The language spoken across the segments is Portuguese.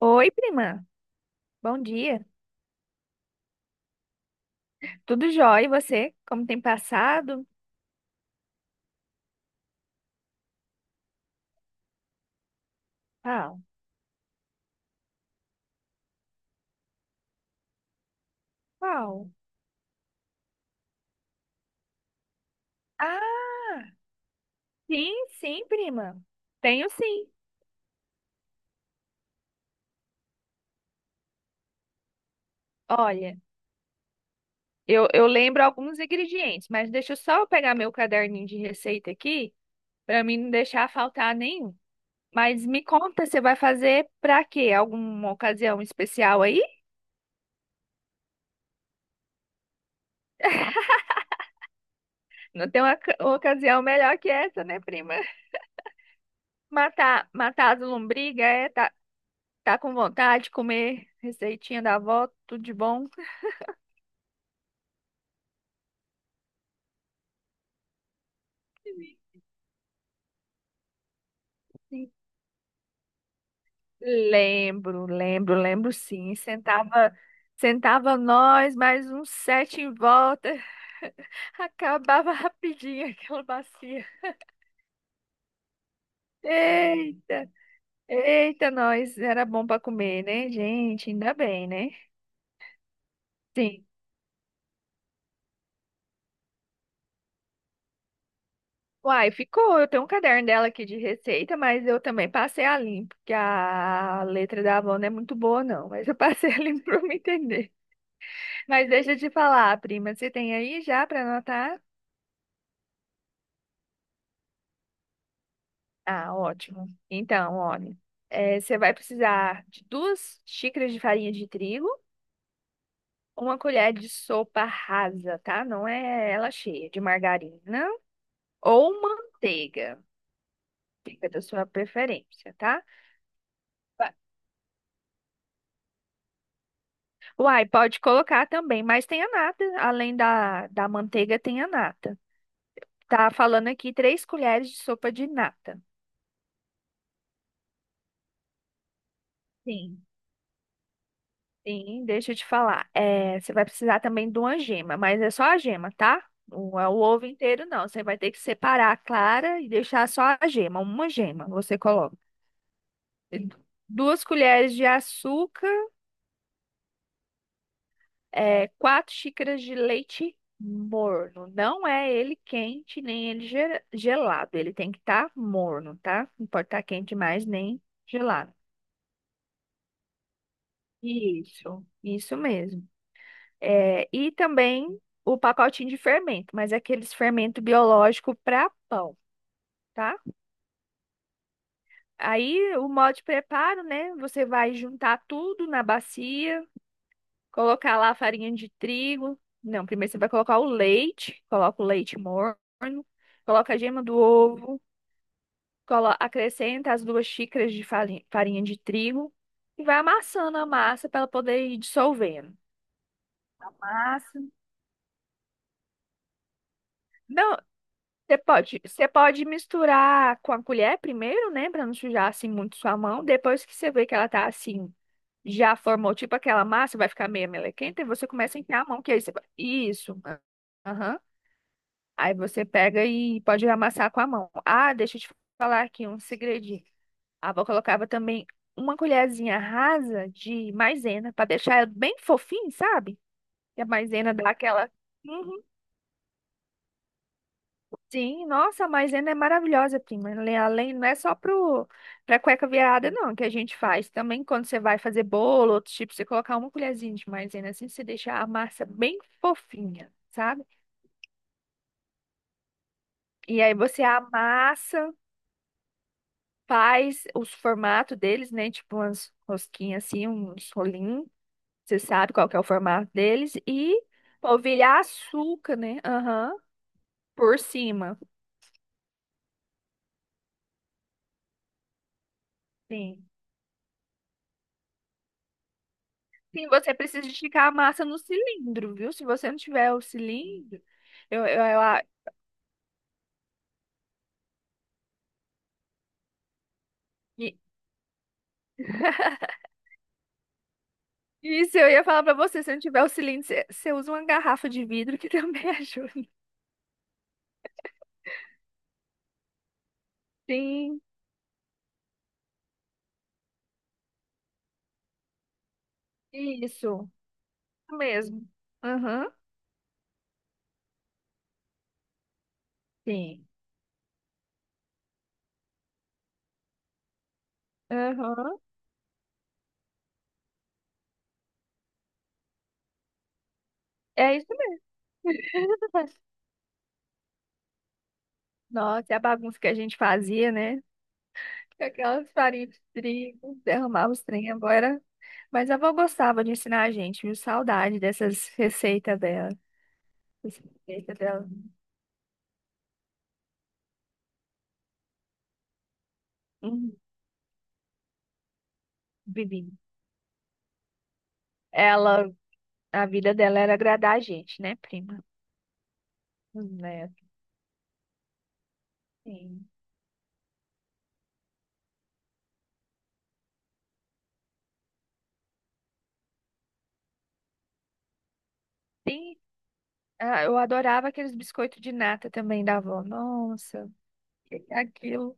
Oi, prima. Bom dia. Tudo jóia? E você? Como tem passado? Qual? Qual? Ah, sim, sim, prima. Tenho sim. Olha, eu lembro alguns ingredientes, mas deixa eu só pegar meu caderninho de receita aqui, para mim não deixar faltar nenhum. Mas me conta, você vai fazer para quê? Alguma ocasião especial aí? Não tem uma ocasião melhor que essa, né, prima? Matar, matar as lombrigas, é, tá, tá com vontade de comer receitinha da avó, tudo de bom. Sim. Lembro, lembro, lembro sim. Sentava nós, mais uns sete em volta. Acabava rapidinho aquela bacia. Eita, eita, nós era bom para comer, né, gente? Ainda bem, né? Sim. Uai, ficou. Eu tenho um caderno dela aqui de receita, mas eu também passei a limpo, porque a letra da avó não é muito boa, não. Mas eu passei a limpo para me entender. Mas deixa eu te falar, prima, você tem aí já para anotar? Ah, ótimo. Então, olha, você vai precisar de 2 xícaras de farinha de trigo, uma colher de sopa rasa, tá? Não é ela cheia, de margarina ou manteiga. Fica da sua preferência, tá? Vai- Uai, pode colocar também, mas tem a nata. Além da manteiga, tem a nata. Tá falando aqui 3 colheres de sopa de nata. Sim. Sim, deixa eu te falar. É, você vai precisar também de uma gema, mas é só a gema, tá? Não é o ovo inteiro, não. Você vai ter que separar a clara e deixar só a gema, uma gema você coloca. 2 colheres de açúcar, é, 4 xícaras de leite morno. Não é ele quente, nem ele gelado. Ele tem que estar morno, tá? Não pode estar quente demais, nem gelado. Isso mesmo. É, e também o pacotinho de fermento, mas é aqueles fermento biológico para pão, tá? Aí o modo de preparo, né? Você vai juntar tudo na bacia, colocar lá a farinha de trigo. Não, primeiro você vai colocar o leite, coloca o leite morno, coloca a gema do ovo, acrescenta as 2 xícaras de farinha, farinha de trigo e vai amassando a massa para ela poder ir dissolvendo. Massa. Não, você pode, você pode misturar com a colher primeiro, né, pra não sujar assim muito sua mão. Depois que você vê que ela tá assim, já formou tipo aquela massa, vai ficar meio melequenta, e você começa a enfiar a mão, que aí você vai- Isso. Ah, aham. Aí você pega e pode amassar com a mão. Ah, deixa eu te falar aqui um segredinho. A avó colocava também uma colherzinha rasa de maisena pra deixar ela bem fofinho, sabe? E a maisena dá aquela uhum. Sim, nossa, a maisena é maravilhosa, prima. Além, não é só pro, pra cueca virada, não, que a gente faz. Também quando você vai fazer bolo, outros tipos, você colocar uma colherzinha de maisena assim, você deixa a massa bem fofinha, sabe? E aí você amassa, faz os formatos deles, né? Tipo umas rosquinhas assim, uns rolinhos. Você sabe qual que é o formato deles. E polvilhar açúcar, né? Aham, por cima. Sim. Sim, você precisa esticar a massa no cilindro, viu? Se você não tiver o cilindro, eu, eu, eu a- e- isso eu ia falar pra você, se não tiver o cilindro, você, você usa uma garrafa de vidro que também ajuda. Sim, isso mesmo. Aham, sim. Aham. É isso mesmo. Nossa, e a bagunça que a gente fazia, né? Com aquelas farinhas de trigo, derramava os trem agora. Mas a avó gostava de ensinar a gente, viu? Saudade dessas receitas dela. Suspeita dela. Hum, Vivi. Ela, a vida dela era agradar a gente, né, prima? Né? Sim. Sim. Ah, eu adorava aqueles biscoitos de nata também da avó. Nossa, aquilo.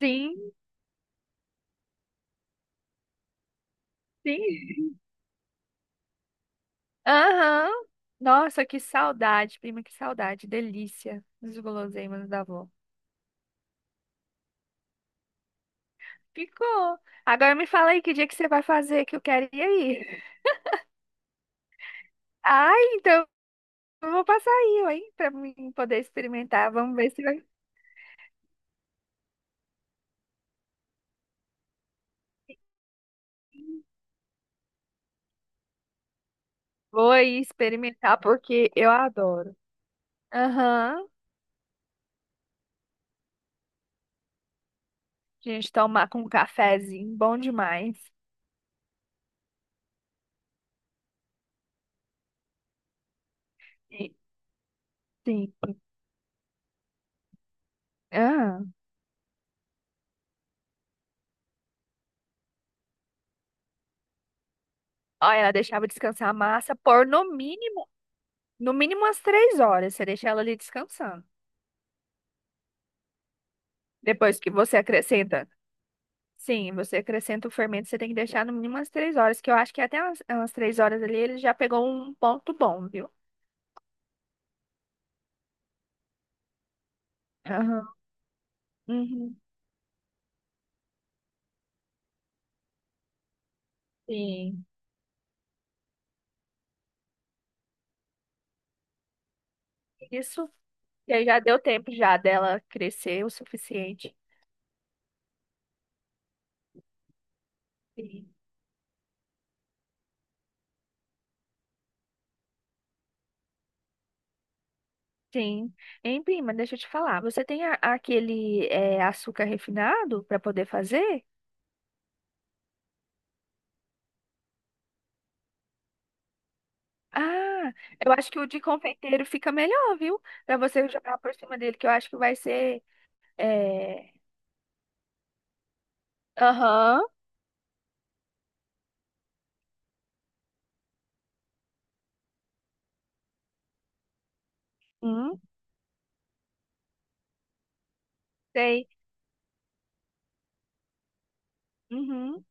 Sim, sim. Aham. Nossa, que saudade, prima, que saudade. Delícia dos guloseimas da avó. Ficou. Agora me fala aí que dia que você vai fazer, que eu quero ir aí. Ai, então eu vou passar aí, ó, hein, pra mim poder experimentar. Vamos ver se vai. Vou aí experimentar porque eu adoro. Aham. Gente, tomar com um cafezinho, bom demais. E- sim. Ah. Olha, ela deixava descansar a massa por no mínimo, no mínimo umas 3 horas. Você deixa ela ali descansando. Depois que você acrescenta. Sim, você acrescenta o fermento, você tem que deixar no mínimo umas três horas, que eu acho que até umas 3 horas ali ele já pegou um ponto bom, viu? Aham. Uhum. Sim. Isso. E aí já deu tempo já dela crescer o suficiente. Sim. Sim. Hein, prima, deixa eu te falar. Você tem aquele é, açúcar refinado para poder fazer? Ah, eu acho que o de confeiteiro fica melhor, viu? Para você jogar por cima dele, que eu acho que vai ser. É... Aham. Hum, sei. Uhum.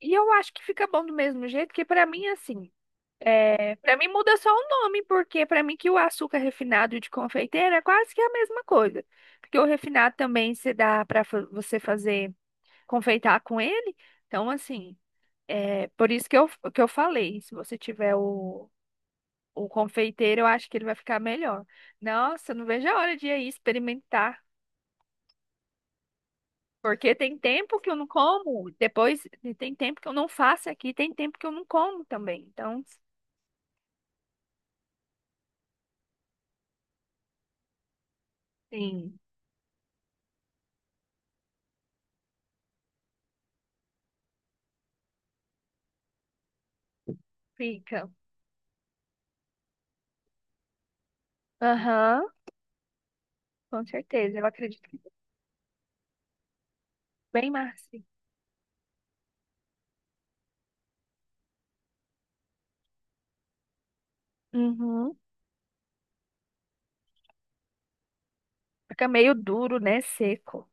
E eu acho que fica bom do mesmo jeito, que para mim, assim. É... Para mim muda só o nome, porque para mim que o açúcar refinado e o de confeiteiro é quase que a mesma coisa. Porque o refinado também se dá para você fazer. Confeitar com ele. Então, assim, é por isso que eu falei, se você tiver o confeiteiro, eu acho que ele vai ficar melhor. Nossa, eu não vejo a hora de ir aí experimentar. Porque tem tempo que eu não como, depois e tem tempo que eu não faço aqui, tem tempo que eu não como também. Então, sim, fica. Aham, com certeza. Eu acredito que fica bem macio. Uhum. Fica meio duro, né? Seco.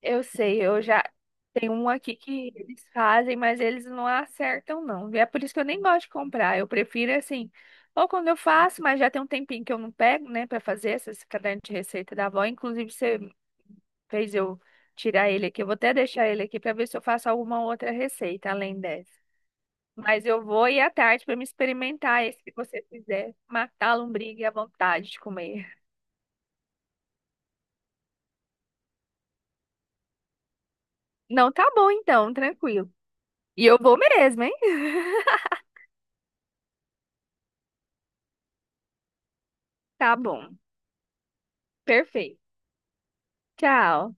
Eu sei, eu já tenho um aqui que eles fazem, mas eles não acertam, não. E é por isso que eu nem gosto de comprar. Eu prefiro assim, ou quando eu faço, mas já tem um tempinho que eu não pego, né, pra fazer esses cadernos de receita da avó. Inclusive, você fez eu tirar ele aqui. Eu vou até deixar ele aqui pra ver se eu faço alguma outra receita além dessa. Mas eu vou ir à tarde pra me experimentar esse que você fizer. Matar a lombriga e a vontade de comer. Não, tá bom então, tranquilo. E eu vou mesmo, hein? Tá bom. Perfeito. Tchau.